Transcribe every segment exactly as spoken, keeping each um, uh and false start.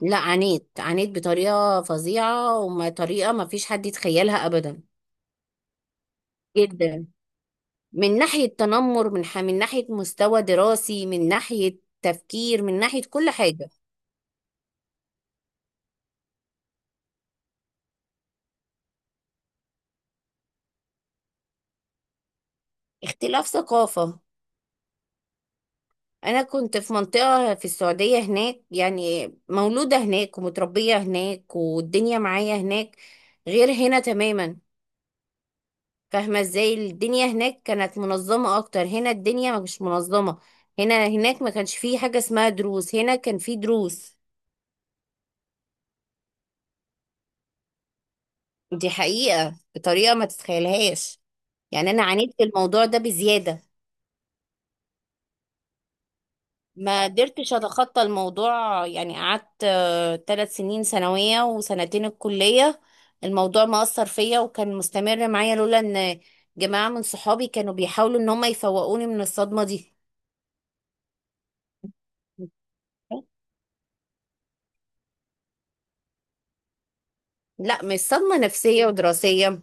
لا، عانيت عانيت بطريقة فظيعة وطريقة ما فيش حد يتخيلها أبدا. جدا. من ناحية تنمر من, ح... من ناحية مستوى دراسي، من ناحية تفكير، من ناحية كل حاجة. اختلاف ثقافة. أنا كنت في منطقة في السعودية، هناك يعني مولودة هناك ومتربية هناك والدنيا معايا هناك غير هنا تماما. فاهمة ازاي؟ الدنيا هناك كانت منظمة اكتر، هنا الدنيا ما مش منظمة. هنا هناك ما كانش فيه حاجة اسمها دروس، هنا كان فيه دروس. دي حقيقة بطريقة ما تتخيلهاش. يعني انا عانيت في الموضوع ده بزيادة. ما قدرتش اتخطى الموضوع، يعني قعدت ثلاث سنين ثانوية وسنتين الكلية. الموضوع ما اثر فيا وكان مستمر معايا، لولا ان جماعة من صحابي كانوا بيحاولوا ان هم يفوقوني من الصدمة دي. لا، مش صدمة نفسية ودراسية،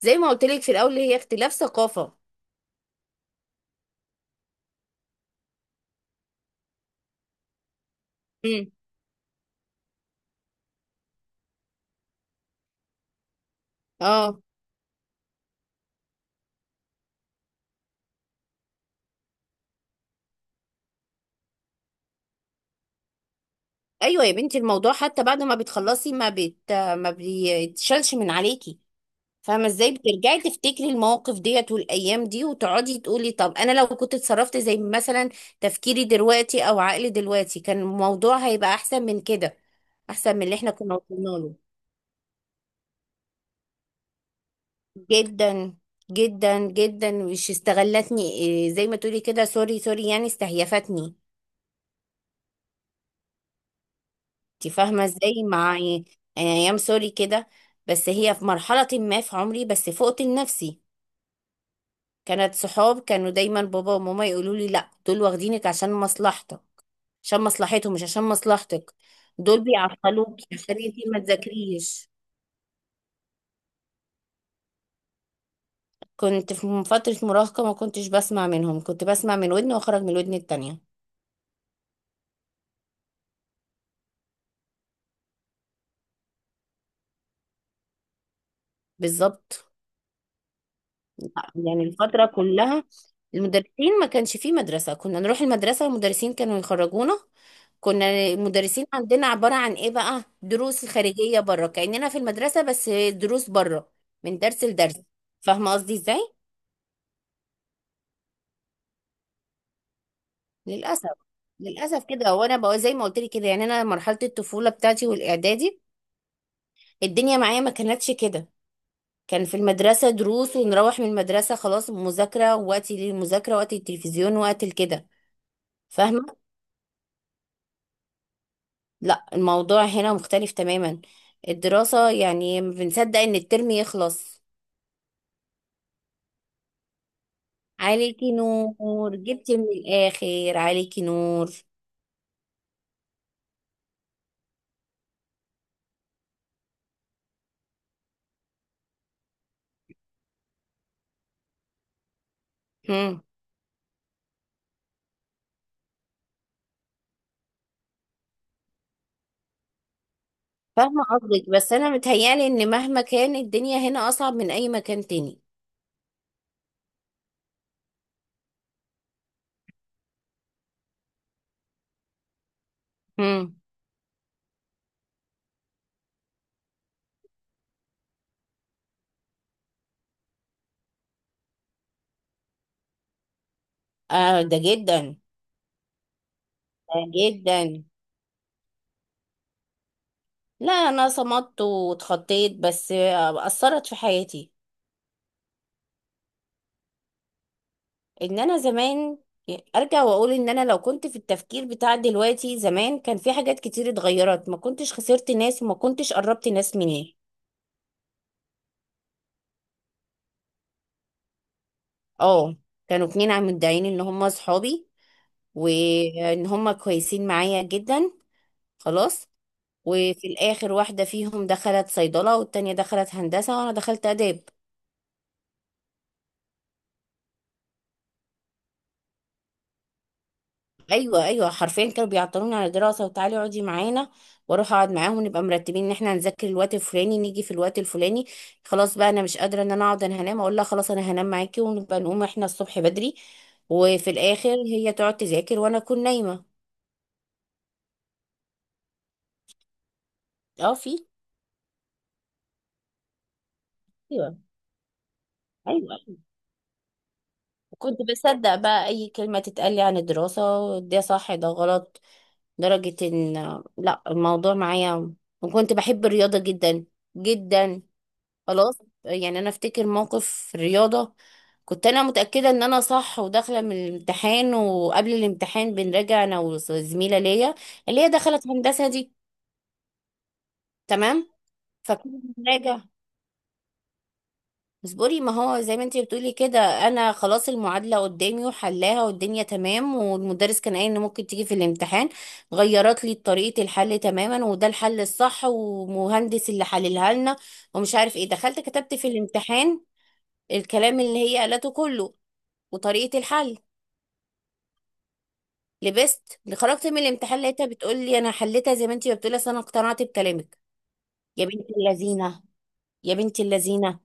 زي ما قلت لك في الأول هي اختلاف ثقافة. امم. اه. ايوه يا بنتي، الموضوع حتى بعد ما بتخلصي، ما بت ما بيتشالش من عليكي. فاهمة ازاي؟ بترجعي تفتكري المواقف ديت والأيام دي وتقعدي تقولي طب أنا لو كنت اتصرفت زي مثلا تفكيري دلوقتي أو عقلي دلوقتي، كان الموضوع هيبقى أحسن من كده، أحسن من اللي احنا كنا وصلنا له. جدا. جدا جدا، مش استغلتني إيه، زي ما تقولي كده، سوري سوري، يعني استهيفتني. انت فاهمه ازاي مع يعني؟ ايام سوري كده. بس هي في مرحله ما في عمري بس فقت لنفسي. كانت صحاب، كانوا دايما بابا وماما يقولوا لي لا دول واخدينك عشان مصلحتك، عشان مصلحتهم مش عشان مصلحتك. دول بيعطلوكي عشان انتي ما تذاكريش. كنت في فتره مراهقه، ما كنتش بسمع منهم، كنت بسمع من ودن واخرج من الودن التانية. بالظبط. لا، يعني الفتره كلها. المدرسين ما كانش فيه مدرسه، كنا نروح المدرسه والمدرسين كانوا يخرجونا. كنا المدرسين عندنا عبارة عن ايه بقى، دروس خارجية بره، كأننا في المدرسة بس دروس بره. من درس لدرس. فاهمة قصدي ازاي؟ للأسف. للأسف كده، وانا بقى زي ما قلت لك كده، يعني انا مرحلة الطفولة بتاعتي والإعدادي الدنيا معايا ما كانتش كده. كان في المدرسة دروس ونروح من المدرسة خلاص، مذاكرة، وقتي للمذاكرة وقت التلفزيون وقت كده. فاهمة. لا، الموضوع هنا مختلف تماما. الدراسة يعني بنصدق ان الترم يخلص، عليكي نور جبتي من الآخر، عليكي نور. هم. فاهمة قصدك، بس أنا متهيألي إن مهما كان الدنيا هنا أصعب من أي مكان تاني. هم. آه ده جدا. ده جدا. لا، أنا صمدت واتخطيت، بس آه، أثرت في حياتي. إن أنا زمان أرجع وأقول إن أنا لو كنت في التفكير بتاع دلوقتي زمان، كان في حاجات كتير اتغيرت، ما كنتش خسرت ناس وما كنتش قربت ناس مني. اه. كانوا اتنين عم مدعين إن هما صحابي، وان هم كويسين معايا جدا. خلاص. وفي الاخر، واحده فيهم دخلت صيدله والتانية دخلت هندسه وانا دخلت اداب. ايوه ايوه، حرفيا كانوا بيعطلوني على دراسه، وتعالي اقعدي معانا، واروح اقعد معاهم ونبقى مرتبين ان احنا هنذاكر الوقت الفلاني، نيجي في الوقت الفلاني خلاص بقى انا مش قادره، ان انا اقعد انا هنام، اقول لها خلاص انا هنام معاكي ونبقى نقوم احنا الصبح بدري، وفي الاخر هي تقعد تذاكر وانا اكون نايمه. اه في. ايوه ايوه. وكنت بصدق بقى اي كلمة تتقال لي عن الدراسة، ده صح ده غلط، لدرجة ان لا الموضوع معايا. وكنت بحب الرياضة جدا. جدا. خلاص. يعني انا افتكر موقف في الرياضة، كنت انا متأكدة ان انا صح وداخلة من الامتحان، وقبل الامتحان بنراجع انا وزميلة ليا، اللي هي دخلت هندسة دي. تمام. فكنا بنراجع، اصبري ما هو زي ما انتي بتقولي كده، انا خلاص المعادله قدامي وحلاها والدنيا تمام، والمدرس كان قايل ان ممكن تيجي في الامتحان. غيرت لي طريقه الحل تماما، وده الحل الصح ومهندس اللي حللها لنا، ومش عارف ايه. دخلت كتبت في الامتحان الكلام اللي هي قالته كله وطريقه الحل. لبست. اللي خرجت من الامتحان لقيتها بتقول لي انا حليتها زي ما انتي بتقولي، اصل انا اقتنعت بكلامك. يا بنت اللذينه، يا بنت اللذينه.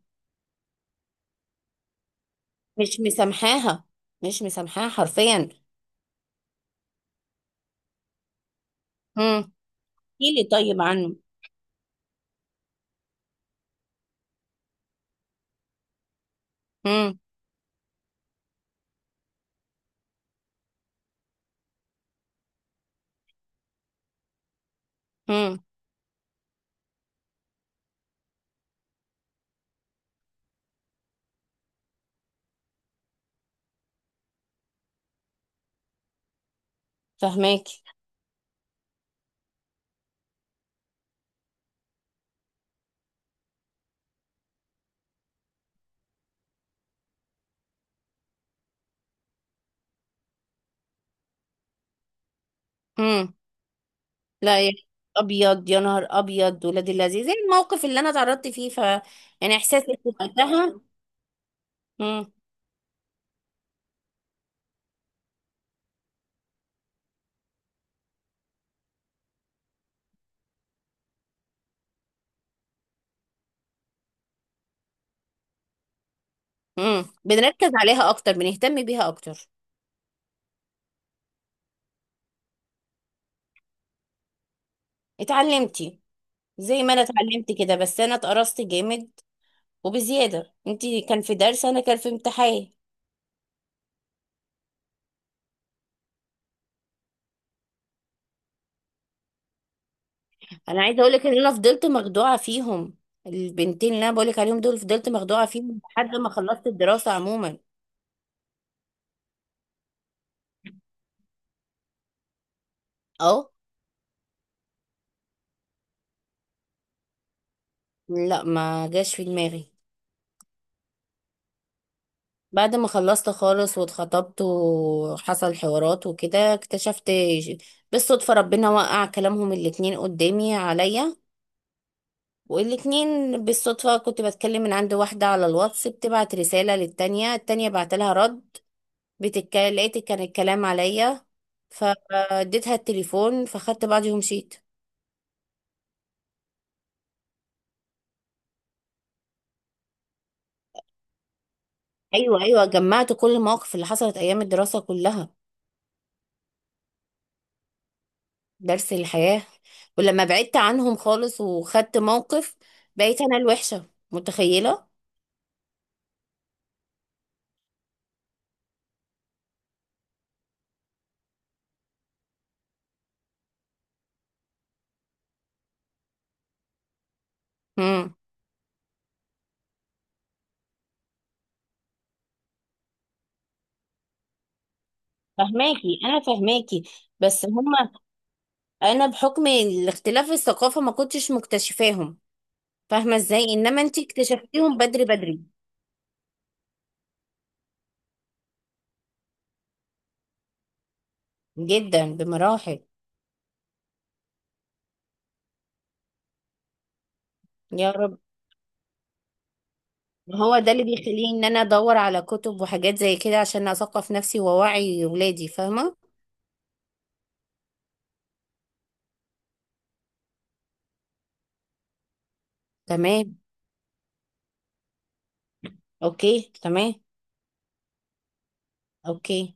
مش مسامحاها، مش مسامحاها حرفيا. احكي لي طيب عنه. امم. امم. فهماكي. امم. لا يا ابيض يا نهار ابيض ولاد اللذيذ، زي الموقف اللي انا اتعرضت فيه ف يعني احساسك وقتها. امم. امم. بنركز عليها اكتر، بنهتم بيها اكتر. اتعلمتي، زي ما انا اتعلمت كده، بس انا اتقرصت جامد وبزياده انت. كان في درس، انا كان في امتحان. انا عايزه اقول لك ان انا فضلت مخدوعه فيهم، البنتين اللي انا بقول لك عليهم دول فضلت مخدوعه فيهم لحد ما خلصت الدراسه عموما. اه. لا ما جاش في دماغي. بعد ما خلصت خالص واتخطبت وحصل حوارات وكده اكتشفت ج- بالصدفة، ربنا وقع كلامهم الاتنين قدامي عليا. والاتنين بالصدفة كنت بتكلم من عند واحدة على الواتس بتبعت رسالة للتانية، التانية بعتلها رد، بتك... لقيت كان الكلام عليا. فاديتها التليفون فخدت بعضي ومشيت. ايوه ايوه، جمعت كل المواقف اللي حصلت ايام الدراسة كلها. درس الحياة. ولما بعدت عنهم خالص وخدت موقف، بقيت أنا الوحشة متخيلة؟ مم. فهماكي، انا فهماكي. بس هما، أنا بحكم الاختلاف الثقافة ما كنتش مكتشفاهم. فاهمة إزاي؟ إنما أنتي اكتشفتيهم بدري بدري. جدا بمراحل. يا رب. هو ده اللي بيخليني إن أنا أدور على كتب وحاجات زي كده، عشان أثقف نفسي وأوعي ولادي، فاهمة؟ تمام. أوكي تمام. أوكي.